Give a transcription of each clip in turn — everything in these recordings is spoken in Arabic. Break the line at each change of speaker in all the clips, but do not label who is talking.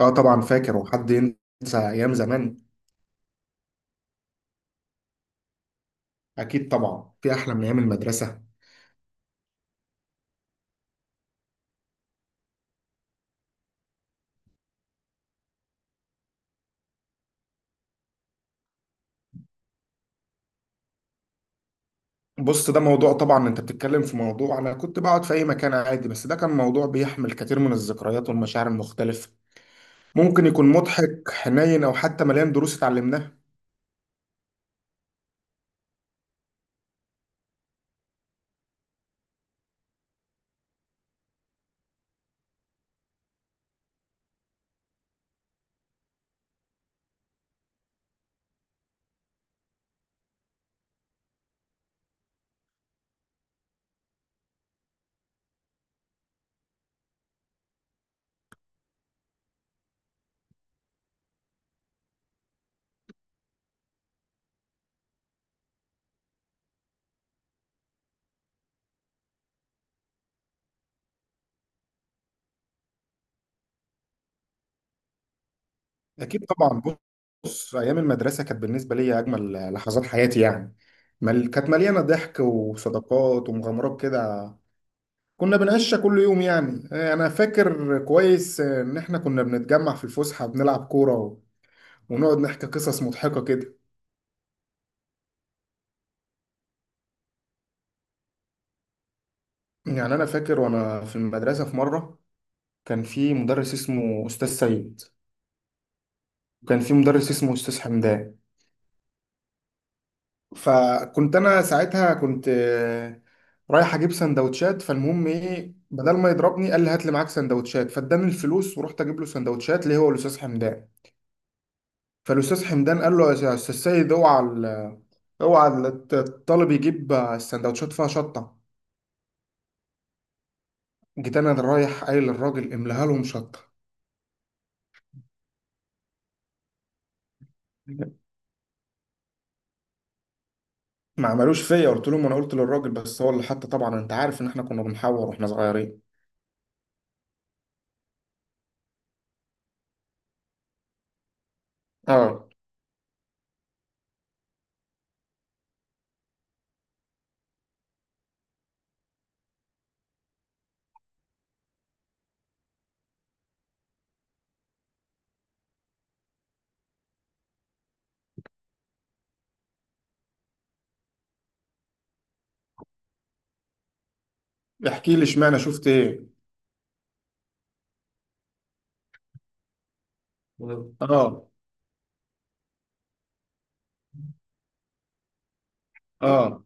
اه طبعا فاكر، وحد ينسى ايام زمان؟ اكيد طبعا، في احلى من ايام المدرسه؟ بص ده موضوع، طبعا انت بتتكلم في موضوع، انا كنت بقعد في اي مكان عادي، بس ده كان موضوع بيحمل كتير من الذكريات والمشاعر المختلفه. ممكن يكون مضحك، حنين، او حتى مليان دروس اتعلمناها. اكيد طبعا. بص، ايام المدرسه كانت بالنسبه لي اجمل لحظات حياتي يعني. كانت مليانه ضحك وصداقات ومغامرات كده. كنا بنقشع كل يوم يعني. انا فاكر كويس ان احنا كنا بنتجمع في الفسحه بنلعب ونقعد نحكي قصص مضحكه كده. يعني انا فاكر وانا في المدرسه في مره كان في مدرس اسمه استاذ سيد، وكان في مدرس اسمه استاذ حمدان. فكنت انا ساعتها كنت رايح اجيب سندوتشات، فالمهم ايه، بدل ما يضربني قال لي هات لي معاك سندوتشات، فاداني الفلوس ورحت اجيب له سندوتشات، ليه؟ هو الاستاذ حمدان. فالاستاذ حمدان قال له يا استاذ سيد، اوعى الطالب يجيب السندوتشات فيها شطه. جيت انا رايح قايل للراجل املاها لهم شطه. ما عملوش فيا، قلت لهم انا قلت للراجل، بس هو اللي حتى، طبعا انت عارف ان احنا كنا بنحور واحنا صغيرين. اه. احكي لي، اشمعنى شفت ايه؟ اه. اه.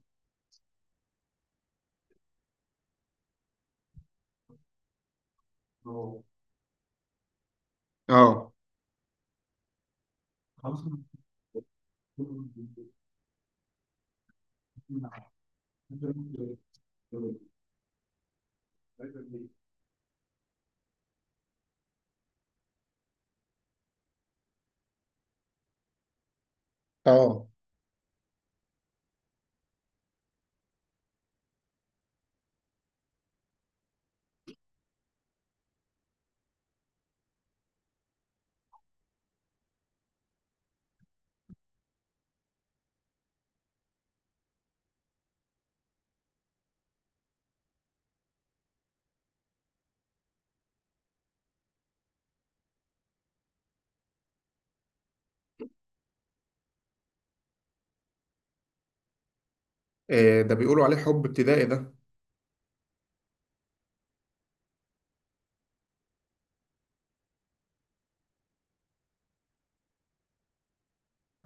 اه. اه. إيه ده، بيقولوا عليه حب ابتدائي ده؟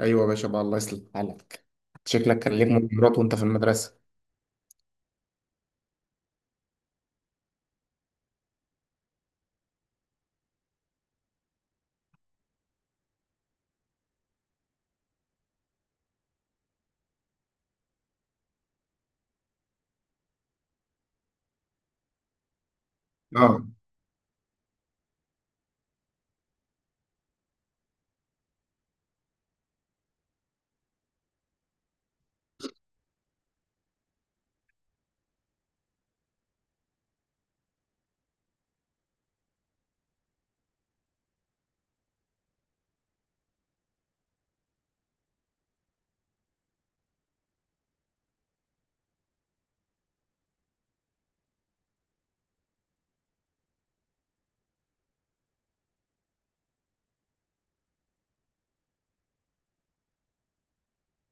ايوه يا باشا بقى، الله يصلح حالك. شكلك كان ليك مغامرات وانت في المدرسه. اه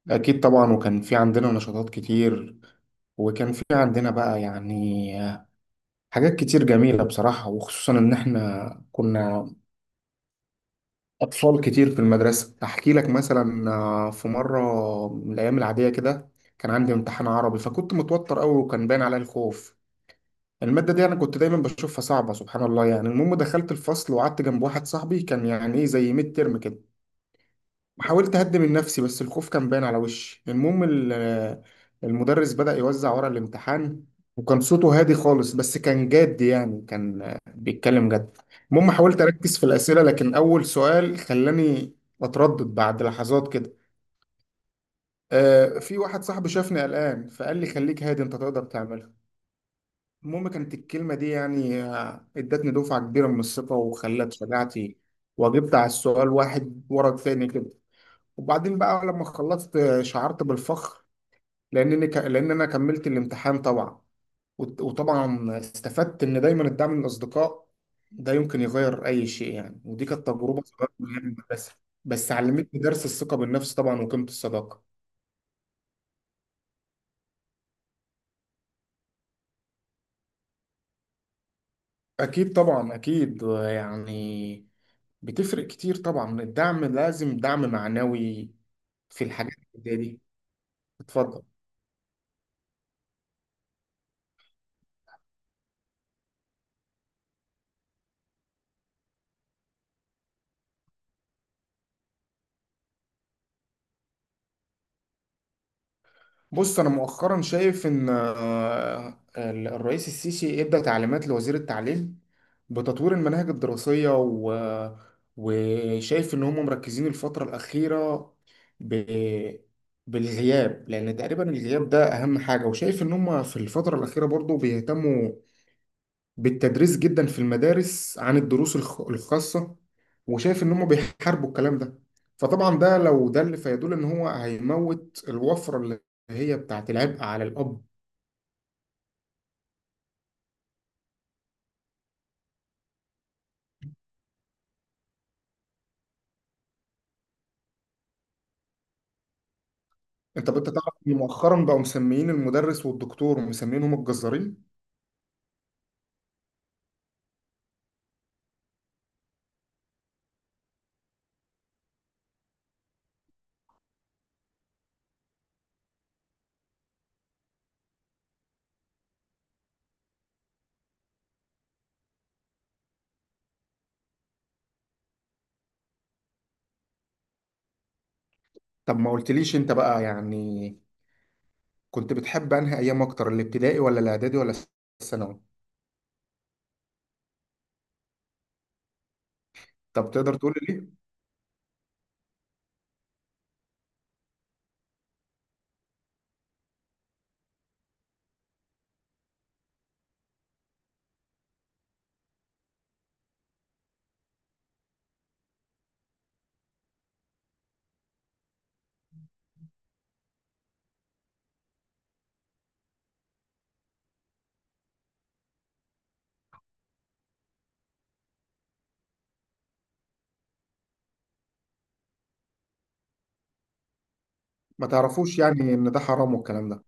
اكيد طبعا، وكان في عندنا نشاطات كتير، وكان في عندنا بقى يعني حاجات كتير جميله بصراحه، وخصوصا ان احنا كنا اطفال كتير في المدرسه. احكي لك مثلا، في مره من الايام العاديه كده كان عندي امتحان عربي، فكنت متوتر قوي وكان باين عليا الخوف. المادة دي أنا كنت دايما بشوفها صعبة، سبحان الله. يعني المهم دخلت الفصل وقعدت جنب واحد صاحبي، كان يعني إيه، زي ميد ترم كده. حاولت اهدي من نفسي بس الخوف كان باين على وشي. المهم المدرس بدأ يوزع ورق الامتحان، وكان صوته هادي خالص، بس كان جاد يعني، كان بيتكلم جد. المهم حاولت اركز في الأسئلة، لكن اول سؤال خلاني اتردد. بعد لحظات كده في واحد صاحبي شافني قلقان، فقال لي خليك هادي، انت تقدر تعملها. المهم كانت الكلمة دي يعني ادتني دفعة كبيرة من الثقة وخلت شجاعتي، واجبت على السؤال واحد ورا التاني كده. وبعدين بقى لما خلصت شعرت بالفخر لانني لان انا كملت الامتحان طبعا. وطبعا استفدت ان دايما الدعم من الاصدقاء ده يمكن يغير اي شيء يعني. ودي كانت تجربه صغيره من المدرسه، بس علمتني درس الثقه بالنفس طبعا وقيمه الصداقه. اكيد طبعا، اكيد يعني، بتفرق كتير طبعا. الدعم لازم، دعم معنوي في الحاجات اللي زي دي. اتفضل. بص، انا مؤخرا شايف ان الرئيس السيسي ادى تعليمات لوزير التعليم بتطوير المناهج الدراسيه وشايف ان هم مركزين الفتره الاخيره ب... بالغياب، لان تقريبا الغياب ده اهم حاجه. وشايف ان هم في الفتره الاخيره برضو بيهتموا بالتدريس جدا في المدارس عن الدروس الخاصة، وشايف ان هم بيحاربوا الكلام ده. فطبعا ده لو دل فيدل ان هو هيموت الوفرة اللي هي بتاعت العبء على الاب. انت تعرف ان مؤخرا بقوا مسميين المدرس والدكتور ومسمينهم الجزارين. طب ما قلتليش انت بقى، يعني كنت بتحب انهي ايام اكتر، الابتدائي ولا الاعدادي ولا الثانوي؟ طب تقدر تقول لي ليه؟ ما تعرفوش يعني ان ده حرام والكلام ده؟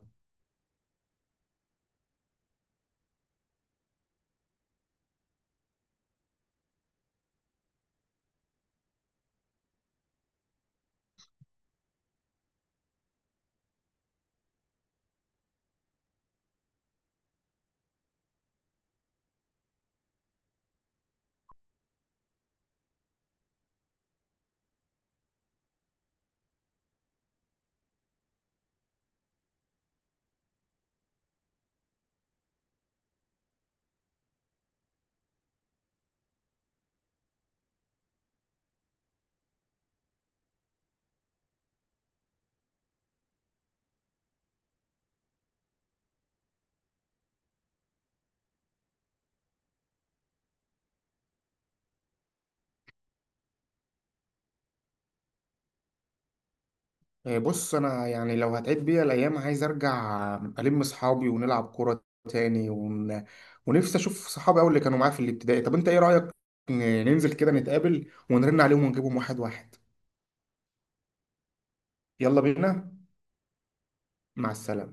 إيه، بص انا يعني لو هتعيد بيا الايام عايز ارجع الم اصحابي ونلعب كوره تاني، ونفسي اشوف صحابي اول اللي كانوا معايا في الابتدائي. طب انت ايه رايك، ننزل كده نتقابل ونرن عليهم ونجيبهم واحد واحد؟ يلا بينا. مع السلامه.